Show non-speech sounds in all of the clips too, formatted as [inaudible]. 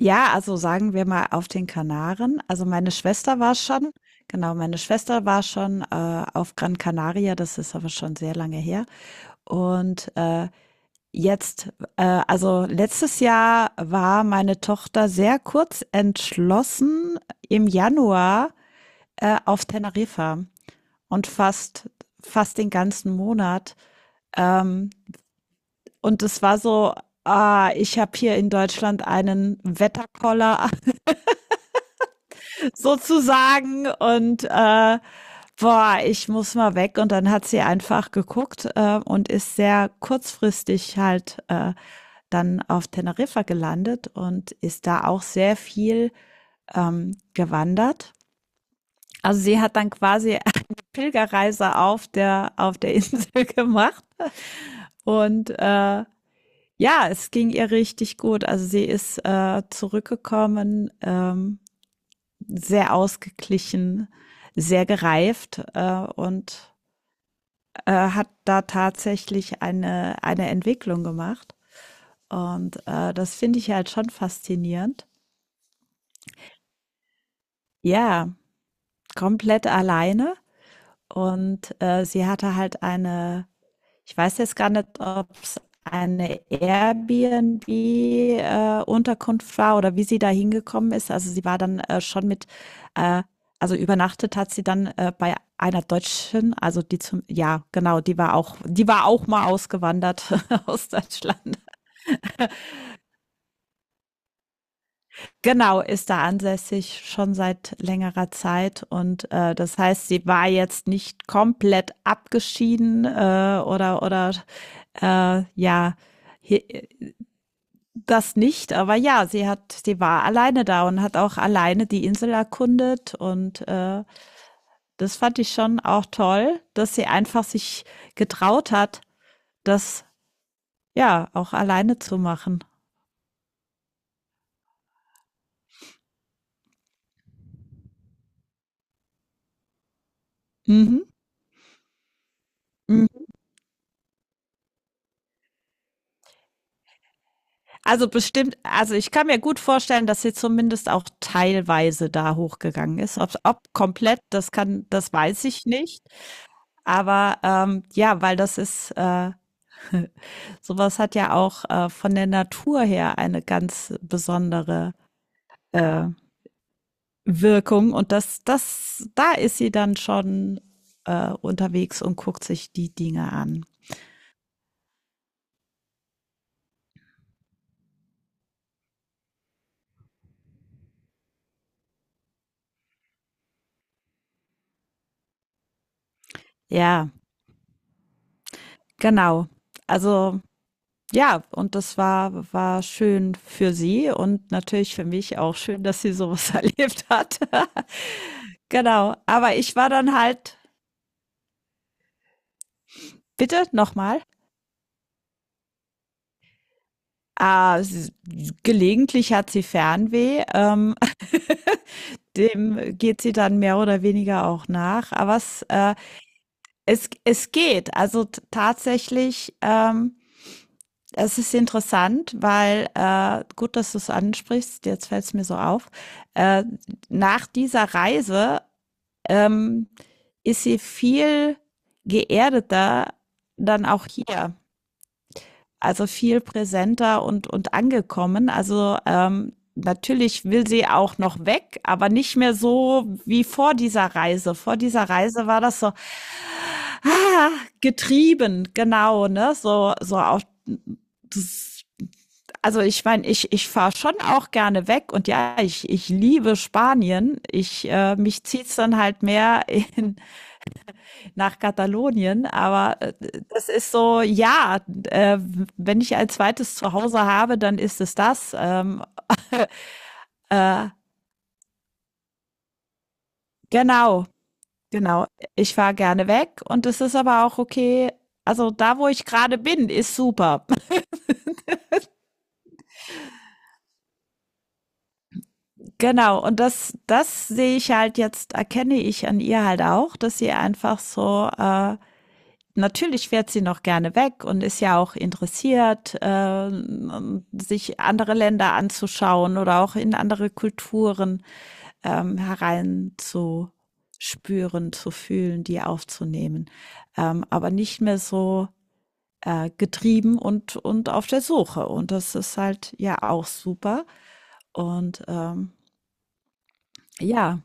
Ja, also sagen wir mal auf den Kanaren. Also meine Schwester war schon Genau, meine Schwester war schon, auf Gran Canaria, das ist aber schon sehr lange her. Und, jetzt also letztes Jahr war meine Tochter sehr kurz entschlossen im Januar, auf Teneriffa, und fast den ganzen Monat. Ähm, und es war so: „Ah, ich habe hier in Deutschland einen Wetterkoller sozusagen, und boah, ich muss mal weg. Und dann hat sie einfach geguckt, und ist sehr kurzfristig halt dann auf Teneriffa gelandet und ist da auch sehr viel gewandert. Also sie hat dann quasi [laughs] eine Pilgerreise auf der Insel gemacht, und ja, es ging ihr richtig gut. Also sie ist zurückgekommen, sehr ausgeglichen, sehr gereift, und hat da tatsächlich eine Entwicklung gemacht. Und das finde ich halt schon faszinierend. Ja, komplett alleine. Und sie hatte halt eine Ich weiß jetzt gar nicht, ob es eine Airbnb-, Unterkunft war oder wie sie da hingekommen ist. Also, sie war dann, schon mit äh, also, übernachtet hat sie dann, bei einer Deutschen, also, die zum ja, genau, die war auch mal ausgewandert [laughs] aus Deutschland. Genau, ist da ansässig schon seit längerer Zeit, und, das heißt, sie war jetzt nicht komplett abgeschieden, oder ja, he, das nicht, aber ja, sie war alleine da und hat auch alleine die Insel erkundet, und das fand ich schon auch toll, dass sie einfach sich getraut hat, das ja auch alleine zu machen. Mhm. Mhm. Also bestimmt, also ich kann mir gut vorstellen, dass sie zumindest auch teilweise da hochgegangen ist. Ob komplett, das weiß ich nicht. Aber ja, Sowas hat ja auch von der Natur her eine ganz besondere äh, Wirkung, und da ist sie dann schon unterwegs und guckt sich die Dinge an. Ja, genau. Also ja, und das war schön für sie, und natürlich für mich auch schön, dass sie sowas erlebt hat. [laughs] Genau. Aber ich war dann halt, bitte nochmal. Ah, gelegentlich hat sie Fernweh. Dem geht sie dann mehr oder weniger auch nach. Aber es geht. Also t tatsächlich, es ist interessant, weil, gut, dass du es ansprichst, jetzt fällt es mir so auf. Äh, nach dieser Reise, ähm, ist sie viel geerdeter dann auch hier, also viel präsenter und angekommen. Also natürlich will sie auch noch weg, aber nicht mehr so wie vor dieser Reise. Vor dieser Reise war das so, ah, getrieben, genau, ne? So auch. Das, also ich meine, ich fahre schon auch gerne weg, und ja, ich liebe Spanien. Ich mich zieht's dann halt mehr in, nach Katalonien, aber das ist so, ja, äh, wenn ich ein zweites Zuhause habe, dann ist es das. [laughs] Äh, genau, genau. Ich fahre gerne weg, und es ist aber auch okay. Also da, wo ich gerade bin, ist super. [laughs] Genau. Und das sehe ich halt jetzt, erkenne ich an ihr halt auch, dass sie einfach so natürlich fährt sie noch gerne weg und ist ja auch interessiert, sich andere Länder anzuschauen oder auch in andere Kulturen hereinzuspüren, zu fühlen, die aufzunehmen. Aber nicht mehr so getrieben und auf der Suche. Und das ist halt ja auch super. Und ja,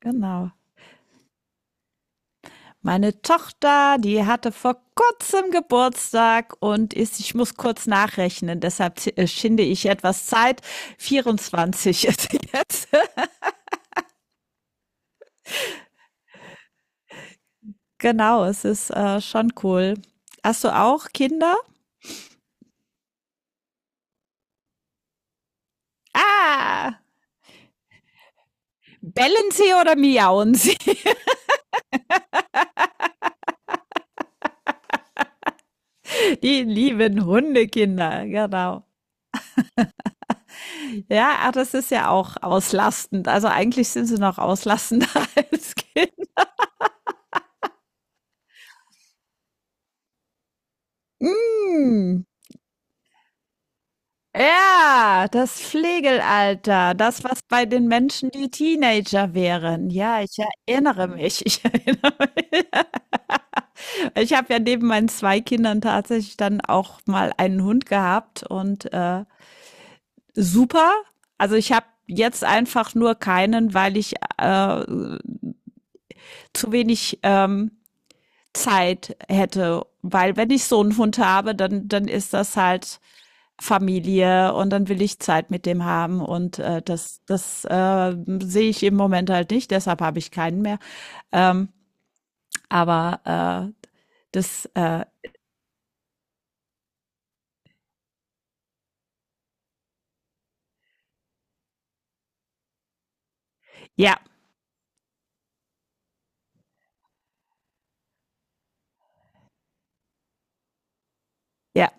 genau. Meine Tochter, die hatte vor kurzem Geburtstag und ist, ich muss kurz nachrechnen, deshalb schinde ich etwas Zeit. 24 ist jetzt. [laughs] Genau, es ist schon cool. Hast du auch Kinder? Ah! Bellen sie oder miauen sie? [laughs] Die lieben Hundekinder, genau. Ja, ach, das ist ja auch auslastend. Also eigentlich sind sie noch auslastender [laughs] als Kinder. Mm. Ja, das Flegelalter, das, was bei den Menschen die Teenager wären. Ja, ich erinnere mich, ich [laughs] erinnere mich. Ich habe ja neben meinen 2 Kindern tatsächlich dann auch mal einen Hund gehabt, und, super. Also, ich habe jetzt einfach nur keinen, weil ich, zu wenig, Zeit hätte, weil wenn ich so einen Hund habe, dann ist das halt Familie, und dann will ich Zeit mit dem haben, und, das sehe ich im Moment halt nicht, deshalb habe ich keinen mehr. Ähm, aber, äh, das, äh ja, ja,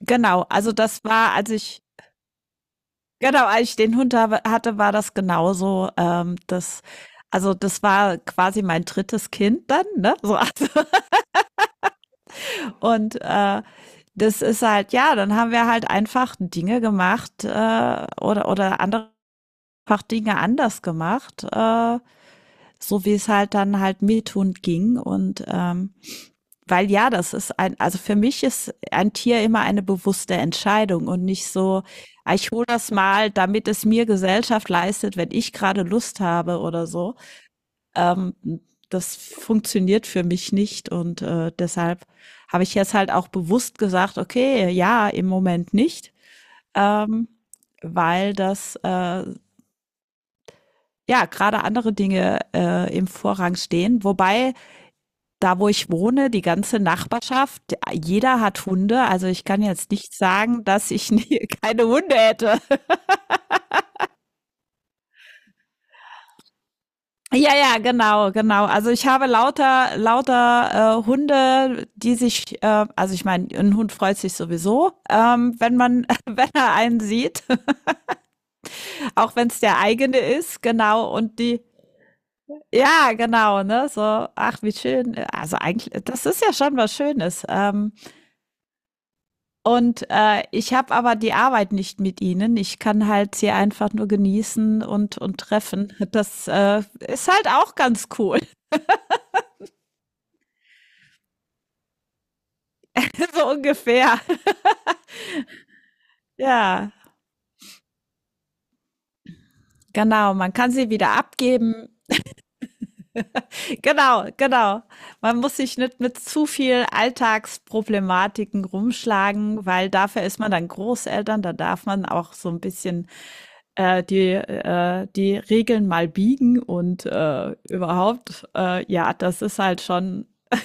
genau. Also, das war, als ich den Hund habe hatte, war das genauso. Das war quasi mein drittes Kind dann, ne? [laughs] So, also und, das ist halt ja, dann haben wir halt einfach Dinge gemacht, oder andere einfach Dinge anders gemacht, so wie es halt dann halt mir tun ging. Und weil ja, also für mich ist ein Tier immer eine bewusste Entscheidung, und nicht so: ah, ich hole das mal, damit es mir Gesellschaft leistet, wenn ich gerade Lust habe oder so. Ähm, Das funktioniert für mich nicht, und deshalb habe ich jetzt halt auch bewusst gesagt: okay, ja, im Moment nicht, ähm, weil das ja, gerade andere Dinge im Vorrang stehen. Wobei, da wo ich wohne, die ganze Nachbarschaft, jeder hat Hunde. Also ich kann jetzt nicht sagen, dass ich [laughs] nie, keine Hunde hätte. [laughs] Ja, ja, genau, genau. Also ich habe lauter, lauter Hunde, die sich, also ich meine, ein Hund freut sich sowieso, wenn man, [laughs] wenn er einen sieht, [laughs] auch wenn es der eigene ist, genau. Und ja, genau, ne? So, ach, wie schön. Also eigentlich, das ist ja schon was Schönes. Und ich habe aber die Arbeit nicht mit ihnen. Ich kann halt sie einfach nur genießen und treffen. Das ist halt auch ganz cool. [laughs] So ungefähr. Ja, genau. Man kann sie wieder abgeben. Genau, genau. Man muss sich nicht mit zu viel Alltagsproblematiken rumschlagen, weil dafür ist man dann Großeltern. Da darf man auch so ein bisschen die Regeln mal biegen und überhaupt, ja, das ist halt schon. [laughs]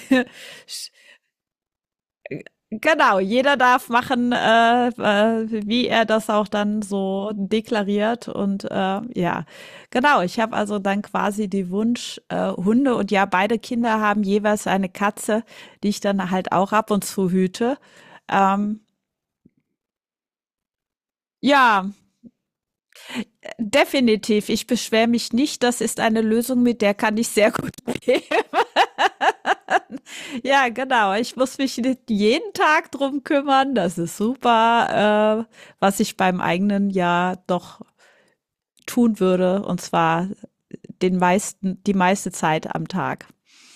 Genau, jeder darf machen, wie er das auch dann so deklariert. Und ja, genau, ich habe also dann quasi die Wunsch-, Hunde, und ja, beide Kinder haben jeweils eine Katze, die ich dann halt auch ab und zu hüte. Ähm, ja, definitiv. Ich beschwere mich nicht. Das ist eine Lösung, mit der kann ich sehr gut [laughs] leben. Ja, genau. Ich muss mich nicht jeden Tag drum kümmern. Das ist super, was ich beim eigenen Jahr doch tun würde. Und zwar die meiste Zeit am Tag.